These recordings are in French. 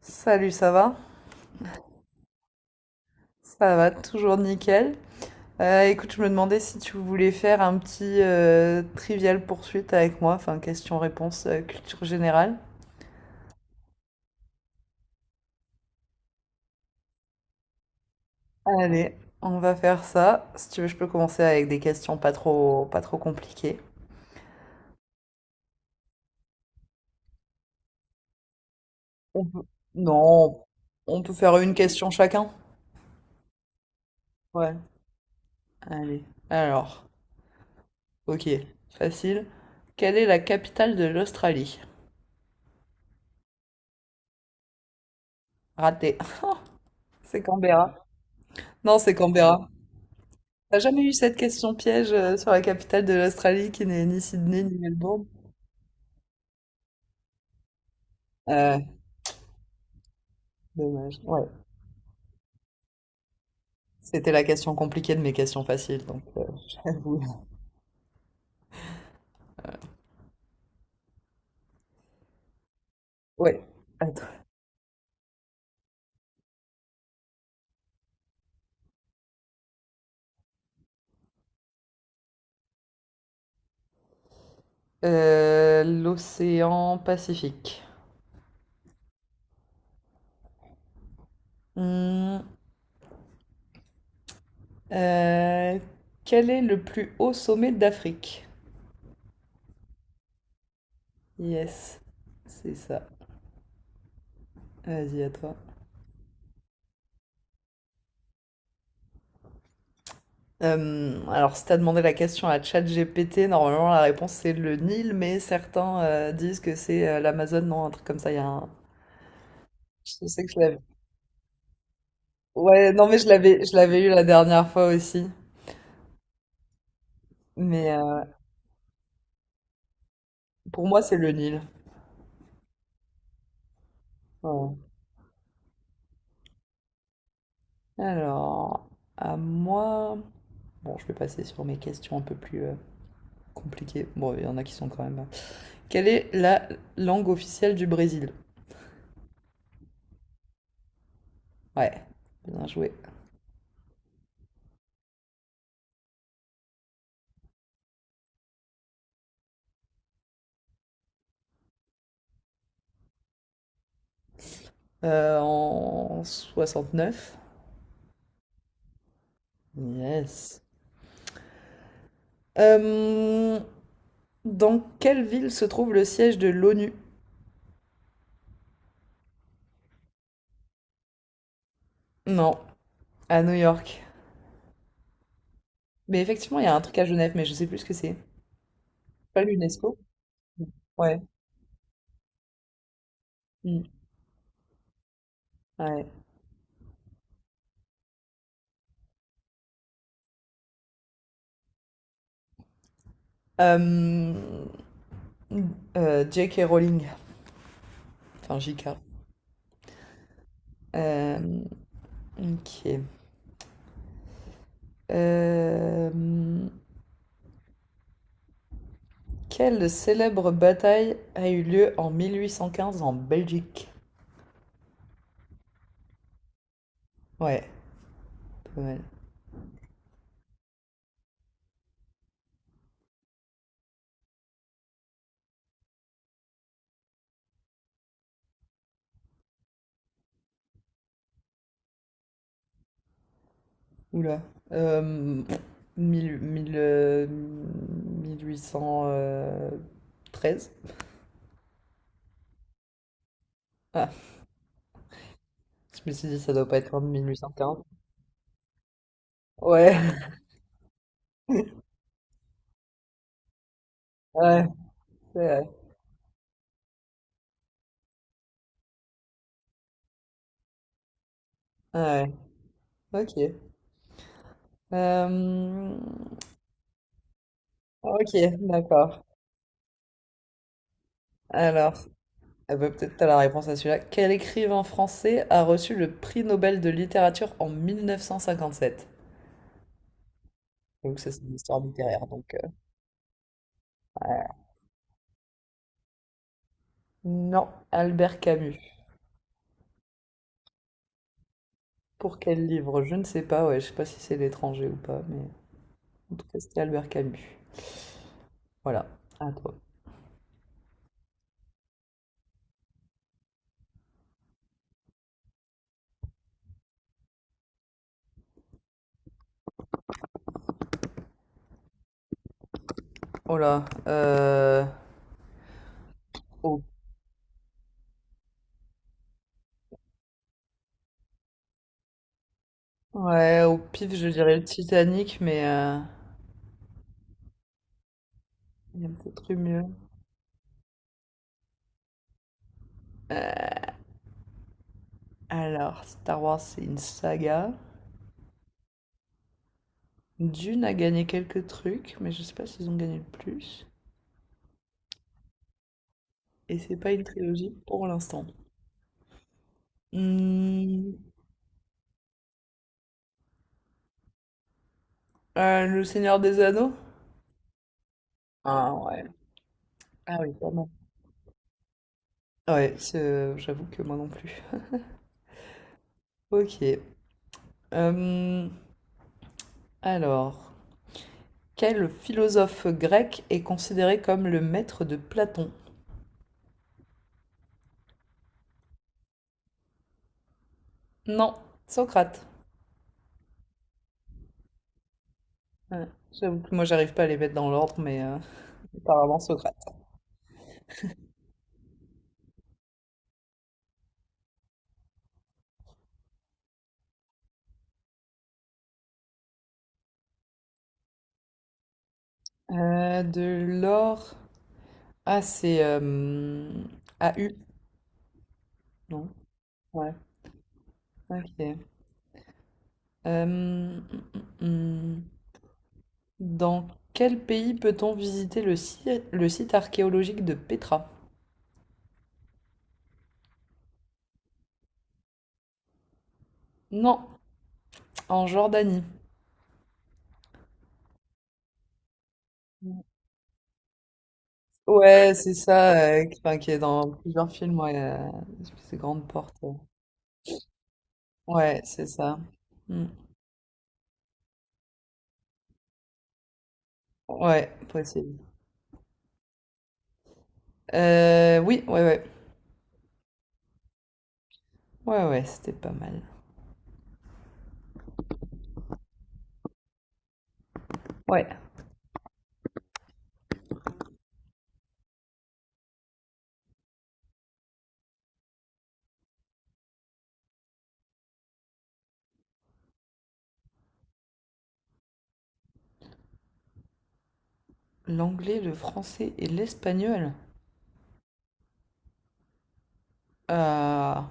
Salut, ça va? Ça va, toujours nickel. Écoute, je me demandais si tu voulais faire un petit trivial poursuite avec moi, enfin question-réponse, culture générale. Allez, on va faire ça. Si tu veux, je peux commencer avec des questions pas trop compliquées. On peut- Non, on peut faire une question chacun. Ouais, allez. Alors, ok, facile. Quelle est la capitale de l'Australie? Raté. C'est Canberra. Non, c'est Canberra. T'as jamais eu cette question piège, sur la capitale de l'Australie qui n'est ni Sydney ni Melbourne? Euh, dommage. Ouais. C'était la question compliquée de mes questions faciles, donc, j'avoue. Ouais. Attends. L'océan Pacifique. Hmm, euh, quel est le plus haut sommet d'Afrique? Yes, c'est ça. Vas-y, à toi. Alors, si t'as demandé la question à ChatGPT, normalement la réponse c'est le Nil, mais certains disent que c'est l'Amazone, non, un truc comme ça. Il y a un, Je sais que je l'avais ouais, non, mais je l'avais eu la dernière fois aussi. Mais, pour moi, c'est le Nil. Ouais. Alors, à moi... Bon, je vais passer sur mes questions un peu plus compliquées. Bon, il y en a qui sont quand même. Quelle est la langue officielle du Brésil? Ouais, bien joué. En neuf. Yes. Euh, dans quelle ville se trouve le siège de l'ONU? Non, à New York. Mais effectivement, il y a un truc à Genève, mais je sais plus ce que c'est. Pas l'UNESCO? Ouais. Mm. Ouais. Euh, J.K. Rowling, enfin J.K. Euh, ok. Euh, quelle célèbre bataille a eu lieu en 1815 en Belgique? Ouais, pas mal. Oula. Euh, 1813? Ah, je me suis dit, ça doit pas être en 1815. Ouais, ouais, c'est vrai. Ouais, ouais. Ok. Euh, ok, d'accord. Alors, eh ben, peut-être t'as la réponse à celui-là. Quel écrivain français a reçu le prix Nobel de littérature en 1957? Donc ça, c'est une histoire littéraire, donc, ouais. Non, Albert Camus. Pour quel livre? Je ne sais pas, ouais, je sais pas si c'est l'étranger ou pas, mais en tout cas, c'était Albert Camus. Voilà, à toi. Oh là, au- Ouais, au pif, je dirais le Titanic, mais il y a peut-être eu mieux. Alors, Star Wars, c'est une saga. Dune a gagné quelques trucs, mais je sais pas s'ils ont gagné le plus. Et c'est pas une trilogie pour l'instant. Hmm, Le Seigneur des Anneaux? Ah ouais. Ah oui, vraiment. Ouais, j'avoue que moi non plus. Ok. Euh, alors, quel philosophe grec est considéré comme le maître de Platon? Non, Socrate. Ouais, j'avoue que moi j'arrive pas à les mettre dans l'ordre, mais apparemment Socrate. De l'or. Ah, c'est AU, non? Ouais, ok. Hum, hum. Dans quel pays peut-on visiter le site archéologique de Petra? Non, en Jordanie. Ouais, c'est ça, qui, enfin, qui est dans plusieurs films, ouais, ces grandes portes. Ouais, c'est ça. Mm. Ouais, possible. Oui, ouais, ouais. Ouais, ouais, c'était pas mal. Ouais. L'anglais, le français et l'espagnol. Ah,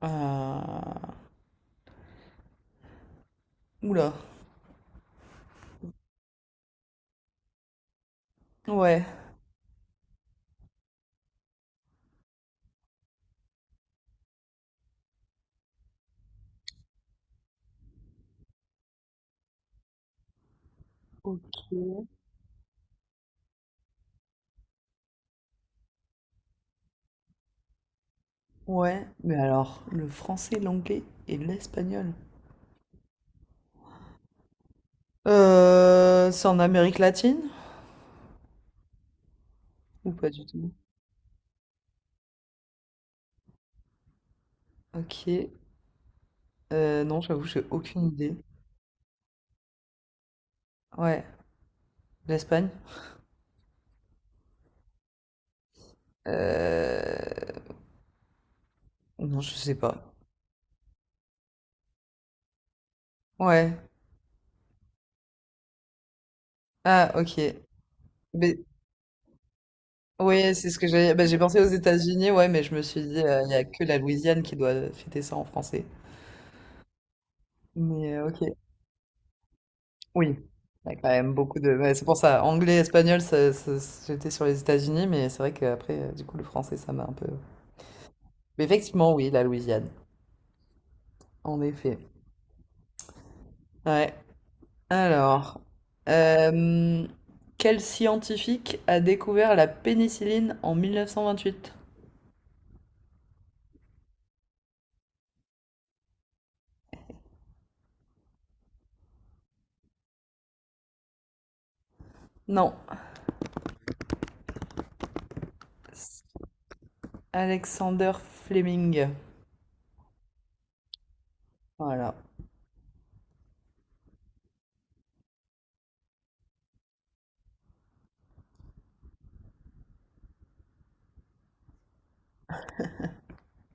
ah. Oula. Ouais. Ok. Ouais, mais alors, le français, l'anglais et l'espagnol. C'est en Amérique latine? Ou pas du tout? Ok. Non, j'avoue, j'ai aucune idée. Ouais, l'Espagne? Euh... Non, je sais pas. Ouais. Ah, ok. Mais ouais, c'est ce que j'ai. Bah, j'ai pensé aux États-Unis, ouais, mais je me suis dit, il y a que la Louisiane qui doit fêter ça en français. Mais ok. Oui, il y a quand même beaucoup de. Ouais, c'est pour ça, anglais, espagnol, j'étais sur les États-Unis, mais c'est vrai qu'après, du coup, le français, ça m'a un peu. Mais effectivement, oui, la Louisiane, en effet. Ouais. Alors, euh, quel scientifique a découvert la pénicilline en 1928? Non, Alexander Fleming. Voilà.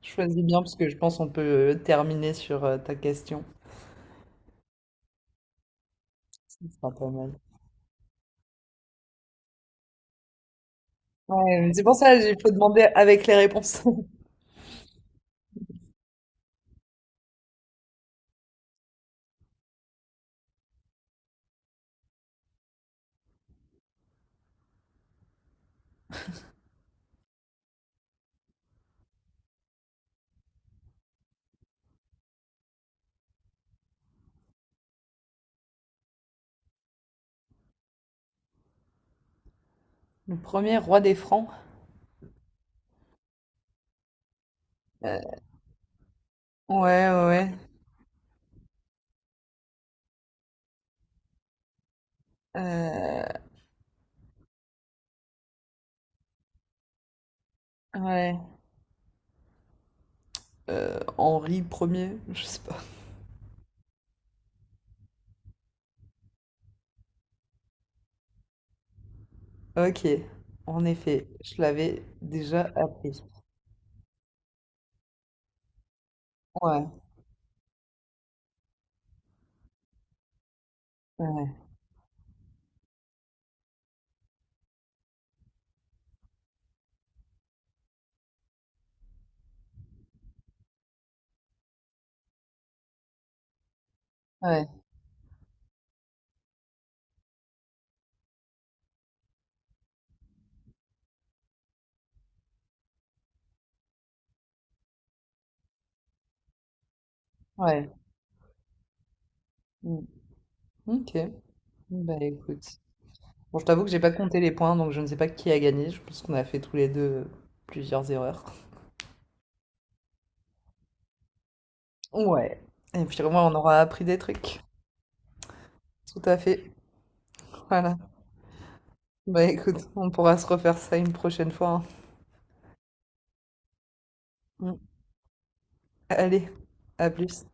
Choisis bien parce que je pense qu'on peut, terminer sur ta question. Ce sera pas mal. Ouais, mais c'est pour ça, qu'il faut demander avec les réponses. Le premier roi des Francs. Euh, ouais, ouais, ouais. Euh, ouais. Henri premier, je sais pas. Ok, en effet, je l'avais déjà appris. Ouais, ouais, ouais, ouais. Mm. Ok, bah écoute. Bon, je t'avoue que j'ai pas compté les points, donc je ne sais pas qui a gagné. Je pense qu'on a fait tous les deux, plusieurs erreurs. Ouais. Et puis au moins, on aura appris des trucs. Tout à fait. Voilà. Bah écoute, on pourra se refaire ça une prochaine fois, hein. Mm. Allez, à plus.